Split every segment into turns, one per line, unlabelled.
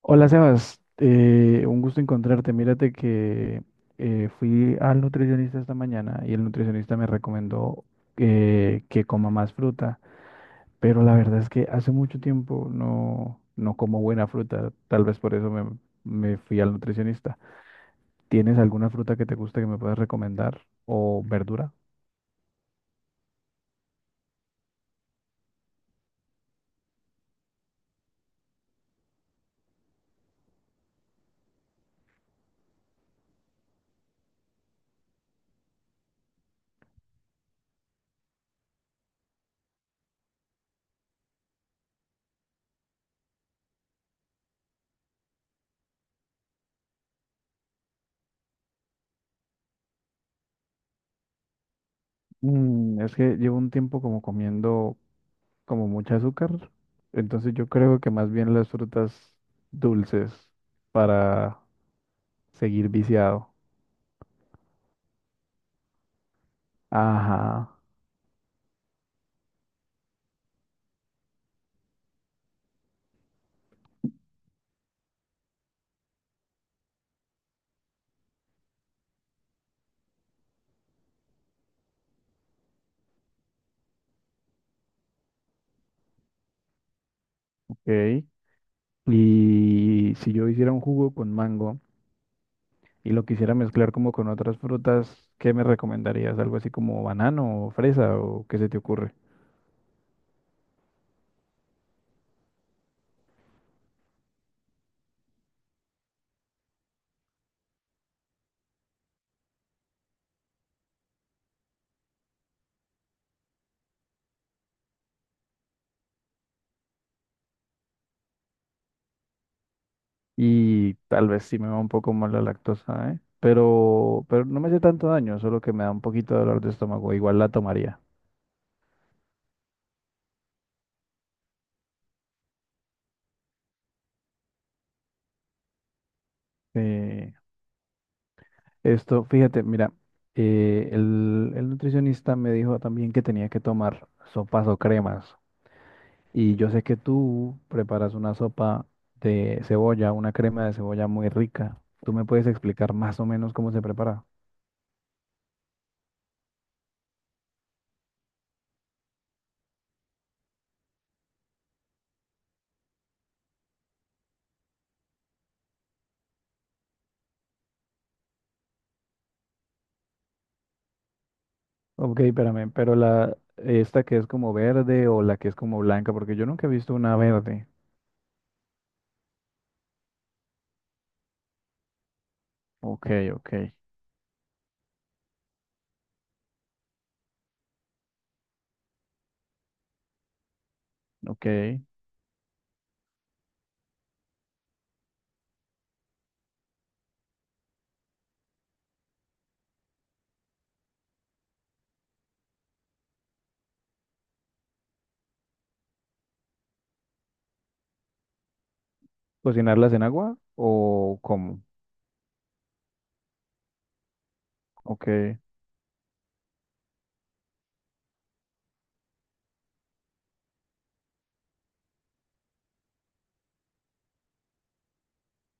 Hola Sebas, un gusto encontrarte. Mírate que fui al nutricionista esta mañana y el nutricionista me recomendó que coma más fruta, pero la verdad es que hace mucho tiempo no como buena fruta, tal vez por eso me fui al nutricionista. ¿Tienes alguna fruta que te guste que me puedas recomendar o verdura? Es que llevo un tiempo como comiendo como mucha azúcar, entonces yo creo que más bien las frutas dulces para seguir viciado. Ajá, ok. Y si yo hiciera un jugo con mango y lo quisiera mezclar como con otras frutas, ¿qué me recomendarías? ¿Algo así como banano o fresa o qué se te ocurre? Y tal vez sí me va un poco mal la lactosa, ¿eh? Pero no me hace tanto daño, solo que me da un poquito de dolor de estómago. Igual la tomaría. Eh, Esto, fíjate, mira, el nutricionista me dijo también que tenía que tomar sopas o cremas. Y yo sé que tú preparas una sopa de cebolla, una crema de cebolla muy rica. ¿Tú me puedes explicar más o menos cómo se prepara? Ok, espérame, pero la esta que es como verde o la que es como blanca, porque yo nunca he visto una verde. Ok, ok, ok. ¿Cocinarlas en agua o cómo? Ok,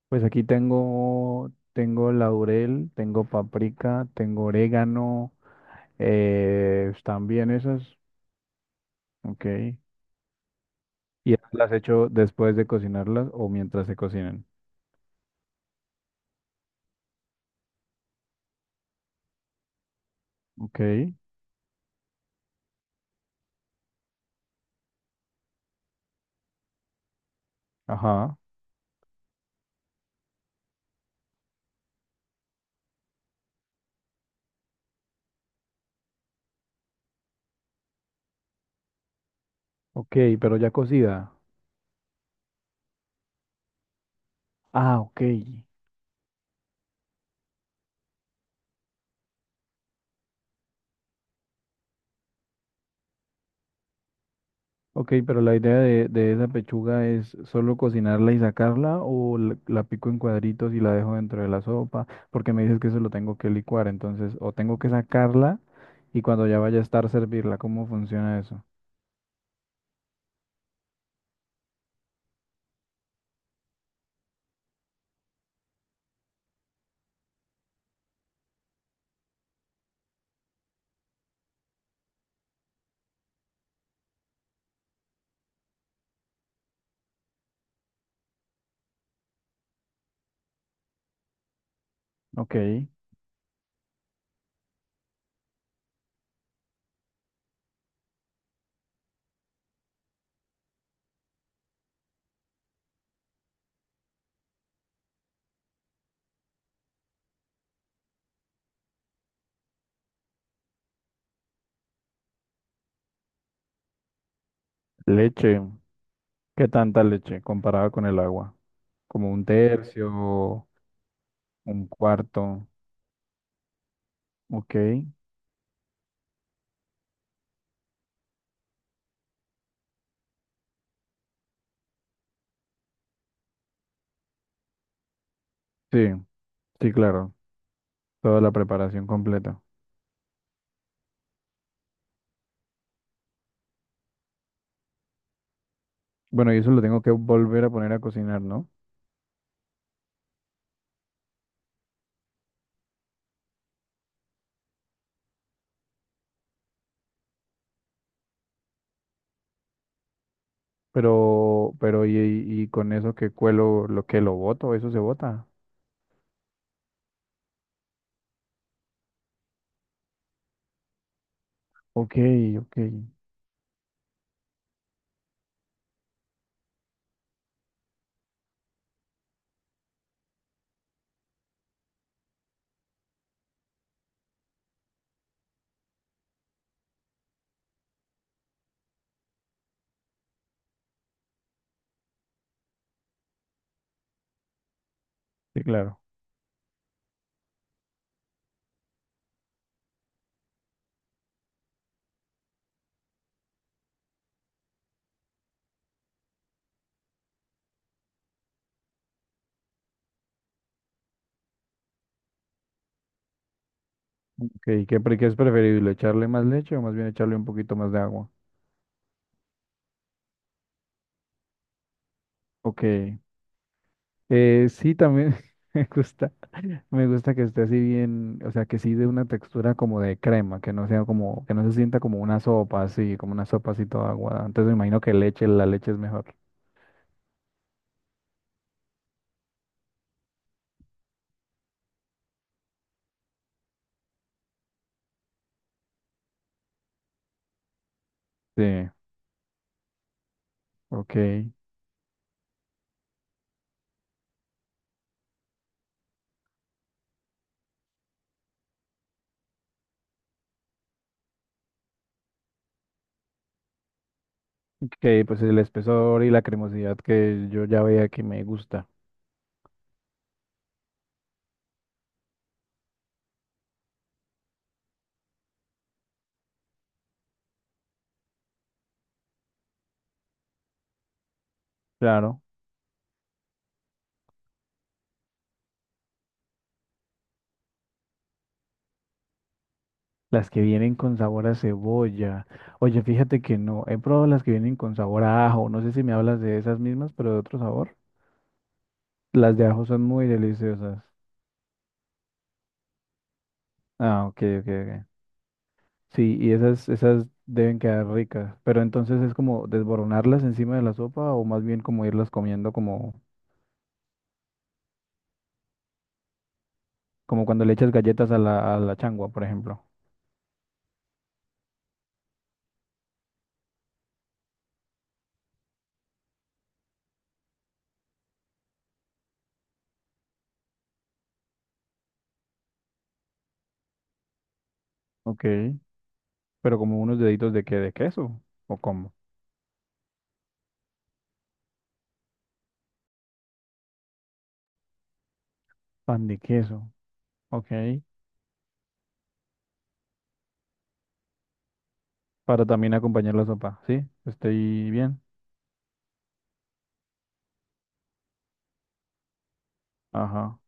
pues aquí tengo, tengo laurel, tengo paprika, tengo orégano, también esas. Ok. ¿Y esas las echo después de cocinarlas o mientras se cocinan? Ok, ajá, ok, pero ya cocida. Ah, ok. Ok, pero la idea de esa pechuga es solo cocinarla y sacarla o la pico en cuadritos y la dejo dentro de la sopa, porque me dices que eso lo tengo que licuar, entonces o tengo que sacarla y cuando ya vaya a estar servirla, ¿cómo funciona eso? Ok, leche. ¿Qué tanta leche comparada con el agua? Como un tercio, un cuarto. Ok. Sí, sí, claro, toda la preparación completa. Bueno, y eso lo tengo que volver a poner a cocinar, ¿no? Pero y con eso que cuelo, lo que lo boto, eso se bota. Ok, ok, sí, claro. Ok, ¿qué, pre- qué es preferible? ¿Echarle más leche o más bien echarle un poquito más de agua? Ok, sí, también me gusta, me gusta que esté así bien, o sea, que sí de una textura como de crema, que no sea como, que no se sienta como una sopa así, como una sopa así toda aguada. Entonces me imagino que leche, la leche es mejor. Sí, ok. Que pues el espesor y la cremosidad que yo ya veía que me gusta. Claro, las que vienen con sabor a cebolla. Oye, fíjate que no, he probado las que vienen con sabor a ajo. No sé si me hablas de esas mismas, pero de otro sabor. Las de ajo son muy deliciosas. Ah, ok, ok, ok. Sí, y esas, esas deben quedar ricas. Pero entonces es como desboronarlas encima de la sopa o más bien como irlas comiendo como, como cuando le echas galletas a a la changua, por ejemplo. Ok. Pero como unos deditos de qué, de queso, o como pan de queso, ok, para también acompañar la sopa, ¿sí? Estoy bien, ajá.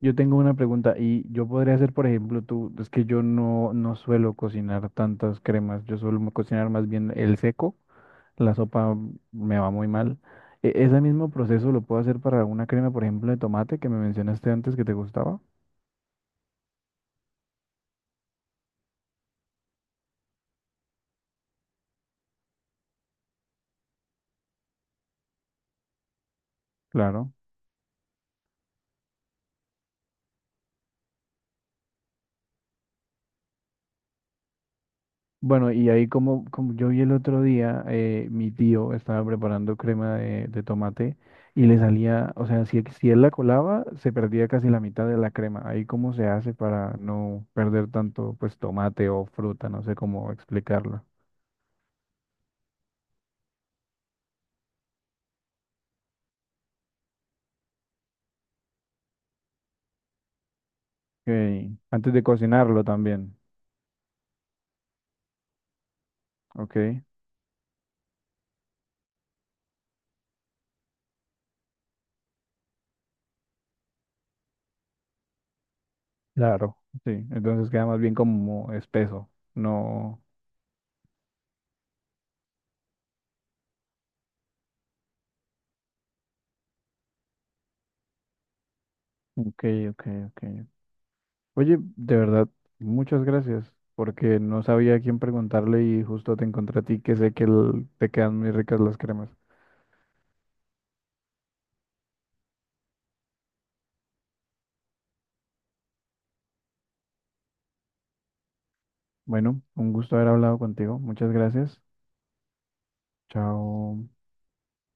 Yo tengo una pregunta y yo podría hacer, por ejemplo, tú, es que yo no suelo cocinar tantas cremas, yo suelo mo- cocinar más bien el seco, la sopa me va muy mal. E- ese mismo proceso lo puedo hacer para una crema, por ejemplo, de tomate que me mencionaste antes que te gustaba, claro. Bueno, y ahí como, como yo vi el otro día, mi tío estaba preparando crema de tomate y le salía, o sea, si él la colaba, se perdía casi la mitad de la crema. Ahí cómo se hace para no perder tanto, pues, tomate o fruta, no sé cómo explicarlo. Ok, antes de cocinarlo también, ¿ok? Claro. Sí, entonces queda más bien como espeso. No, ok, ok, ok. Oye, de verdad, muchas gracias, porque no sabía a quién preguntarle y justo te encontré a ti, que sé que el- te quedan muy ricas las cremas. Bueno, un gusto haber hablado contigo. Muchas gracias. Chao.